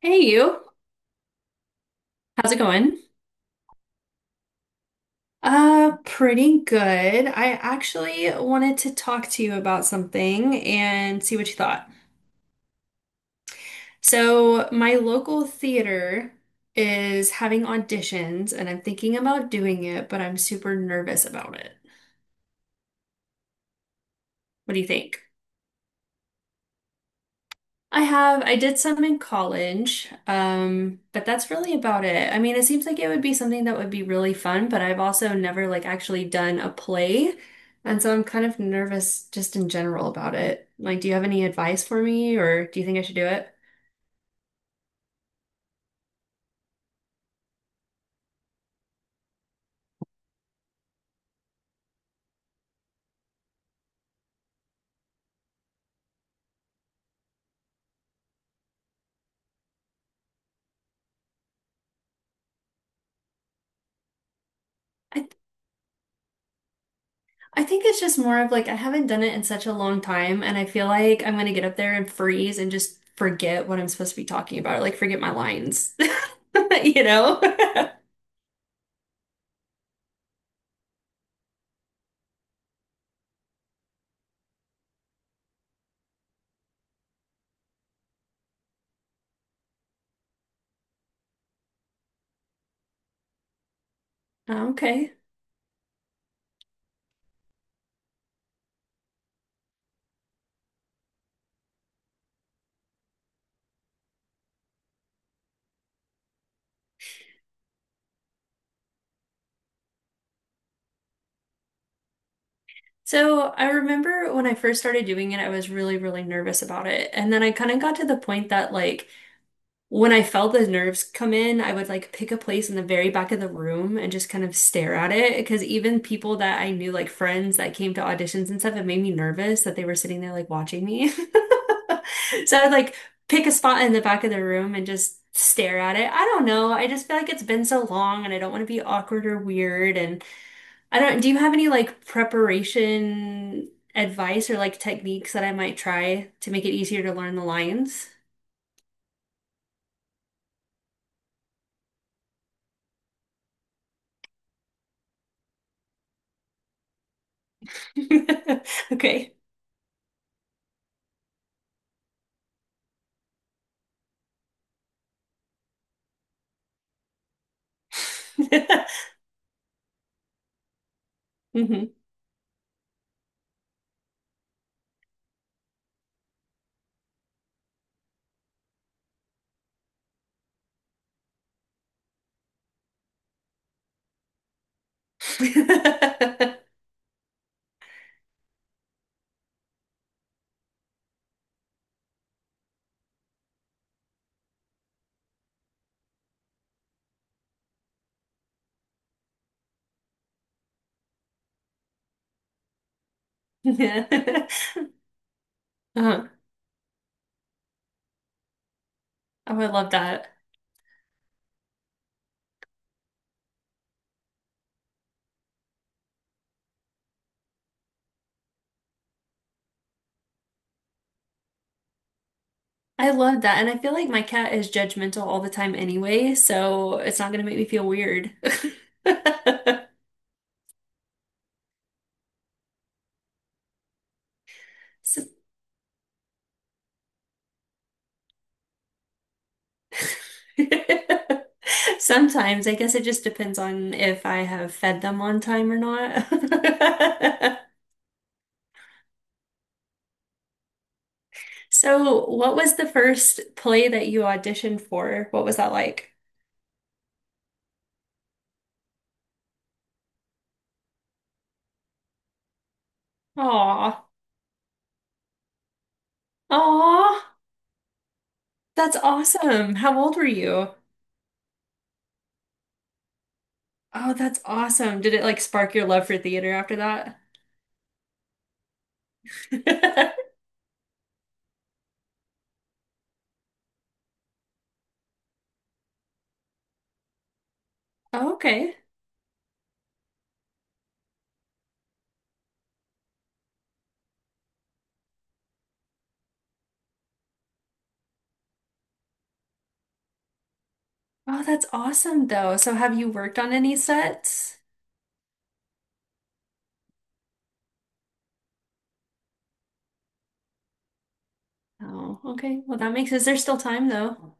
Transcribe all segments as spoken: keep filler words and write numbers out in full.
Hey you, how's it going? Uh, pretty good. I actually wanted to talk to you about something and see what you thought. So, my local theater is having auditions and I'm thinking about doing it, but I'm super nervous about it. What do you think? I have, I did some in college, um, but that's really about it. I mean, it seems like it would be something that would be really fun, but I've also never like actually done a play, and so I'm kind of nervous just in general about it. Like, do you have any advice for me, or do you think I should do it? I th- I think it's just more of like I haven't done it in such a long time, and I feel like I'm gonna get up there and freeze and just forget what I'm supposed to be talking about, like forget my lines, you know? Okay. So I remember when I first started doing it, I was really, really nervous about it. And then I kind of got to the point that like when I felt the nerves come in, I would like pick a place in the very back of the room and just kind of stare at it. Because even people that I knew, like friends that came to auditions and stuff, it made me nervous that they were sitting there like watching me. So I would like pick a spot in the back of the room and just stare at it. I don't know. I just feel like it's been so long and I don't want to be awkward or weird. And I don't, do you have any like preparation advice or like techniques that I might try to make it easier to learn the lines? Okay. Hmm. Yeah. Uh-huh. Oh, I love that. I love that. And I feel like my cat is judgmental all the time anyway, so it's not gonna make me feel weird. S- Sometimes, I guess it just depends on if I have fed them on time or not. So, what was the first play that you auditioned for? What was that like? Aw, aw, that's awesome. How old were you? Oh, that's awesome. Did it like spark your love for theater after that? Oh, okay. Oh, that's awesome though. So, have you worked on any sets? Oh, okay. Well, that makes, is there still time though?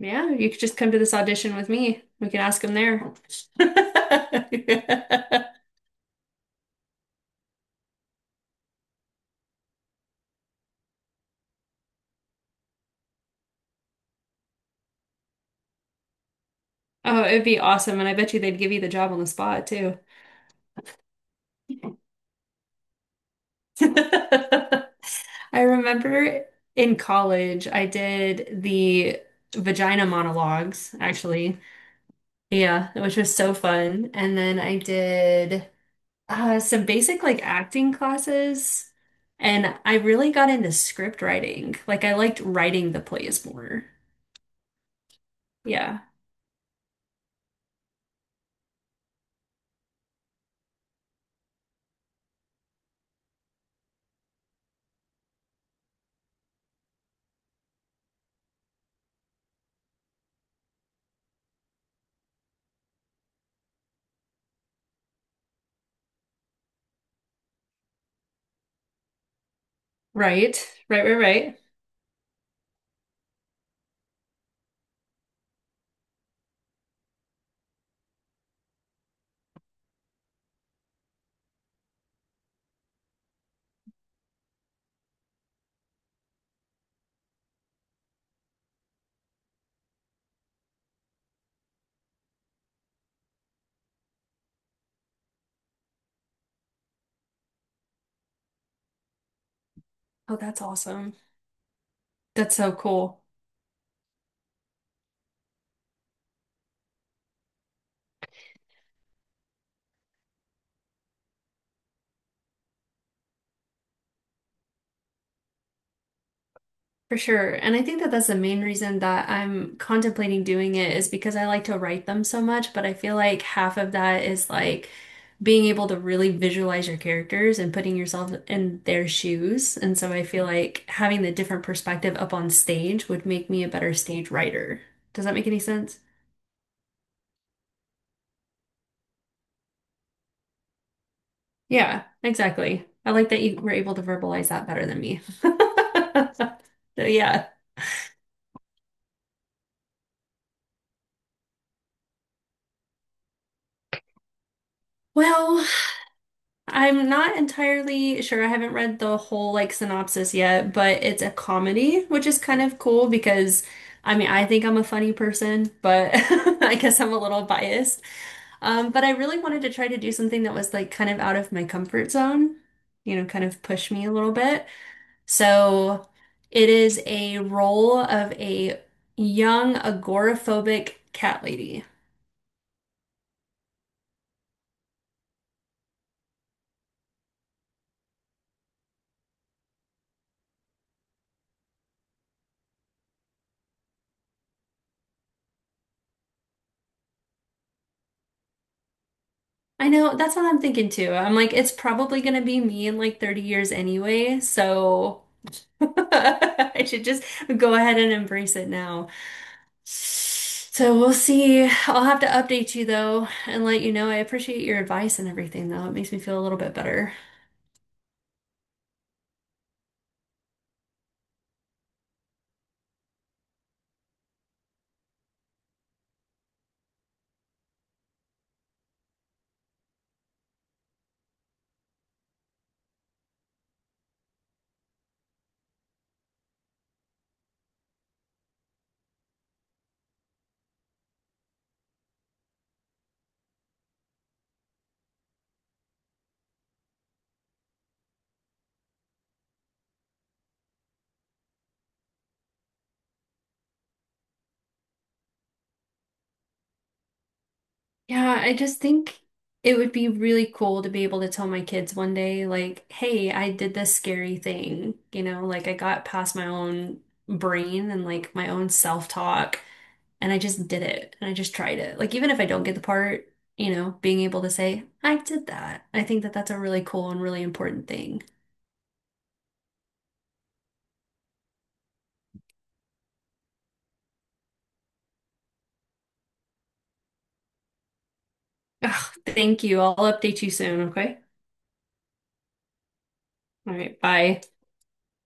Yeah, you could just come to this audition with me. We can ask them there. Oh, it'd be awesome. And I bet you they'd give you the job on the spot too. I remember in college, I did the vagina monologues, actually. Yeah, which was so fun. And then I did uh, some basic like acting classes. And I really got into script writing. Like I liked writing the plays more. Yeah. Right. Right, right, right. Oh, that's awesome. That's so cool. For sure. And I think that that's the main reason that I'm contemplating doing it is because I like to write them so much, but I feel like half of that is like being able to really visualize your characters and putting yourself in their shoes. And so I feel like having the different perspective up on stage would make me a better stage writer. Does that make any sense? Yeah, exactly. I like that you were able to verbalize that better than me. So yeah. Well, I'm not entirely sure. I haven't read the whole like synopsis yet, but it's a comedy, which is kind of cool because I mean, I think I'm a funny person, but I guess I'm a little biased. Um, but I really wanted to try to do something that was like kind of out of my comfort zone, you know, kind of push me a little bit. So it is a role of a young agoraphobic cat lady. I know that's what I'm thinking too. I'm like, it's probably gonna be me in like thirty years anyway, so I should just go ahead and embrace it now. So we'll see. I'll have to update you though and let you know. I appreciate your advice and everything though. It makes me feel a little bit better. Yeah, I just think it would be really cool to be able to tell my kids one day, like, hey, I did this scary thing. You know, like I got past my own brain and like my own self-talk and I just did it and I just tried it. Like, even if I don't get the part, you know, being able to say, I did that. I think that that's a really cool and really important thing. Ugh, thank you. I'll update you soon, okay? All right, bye.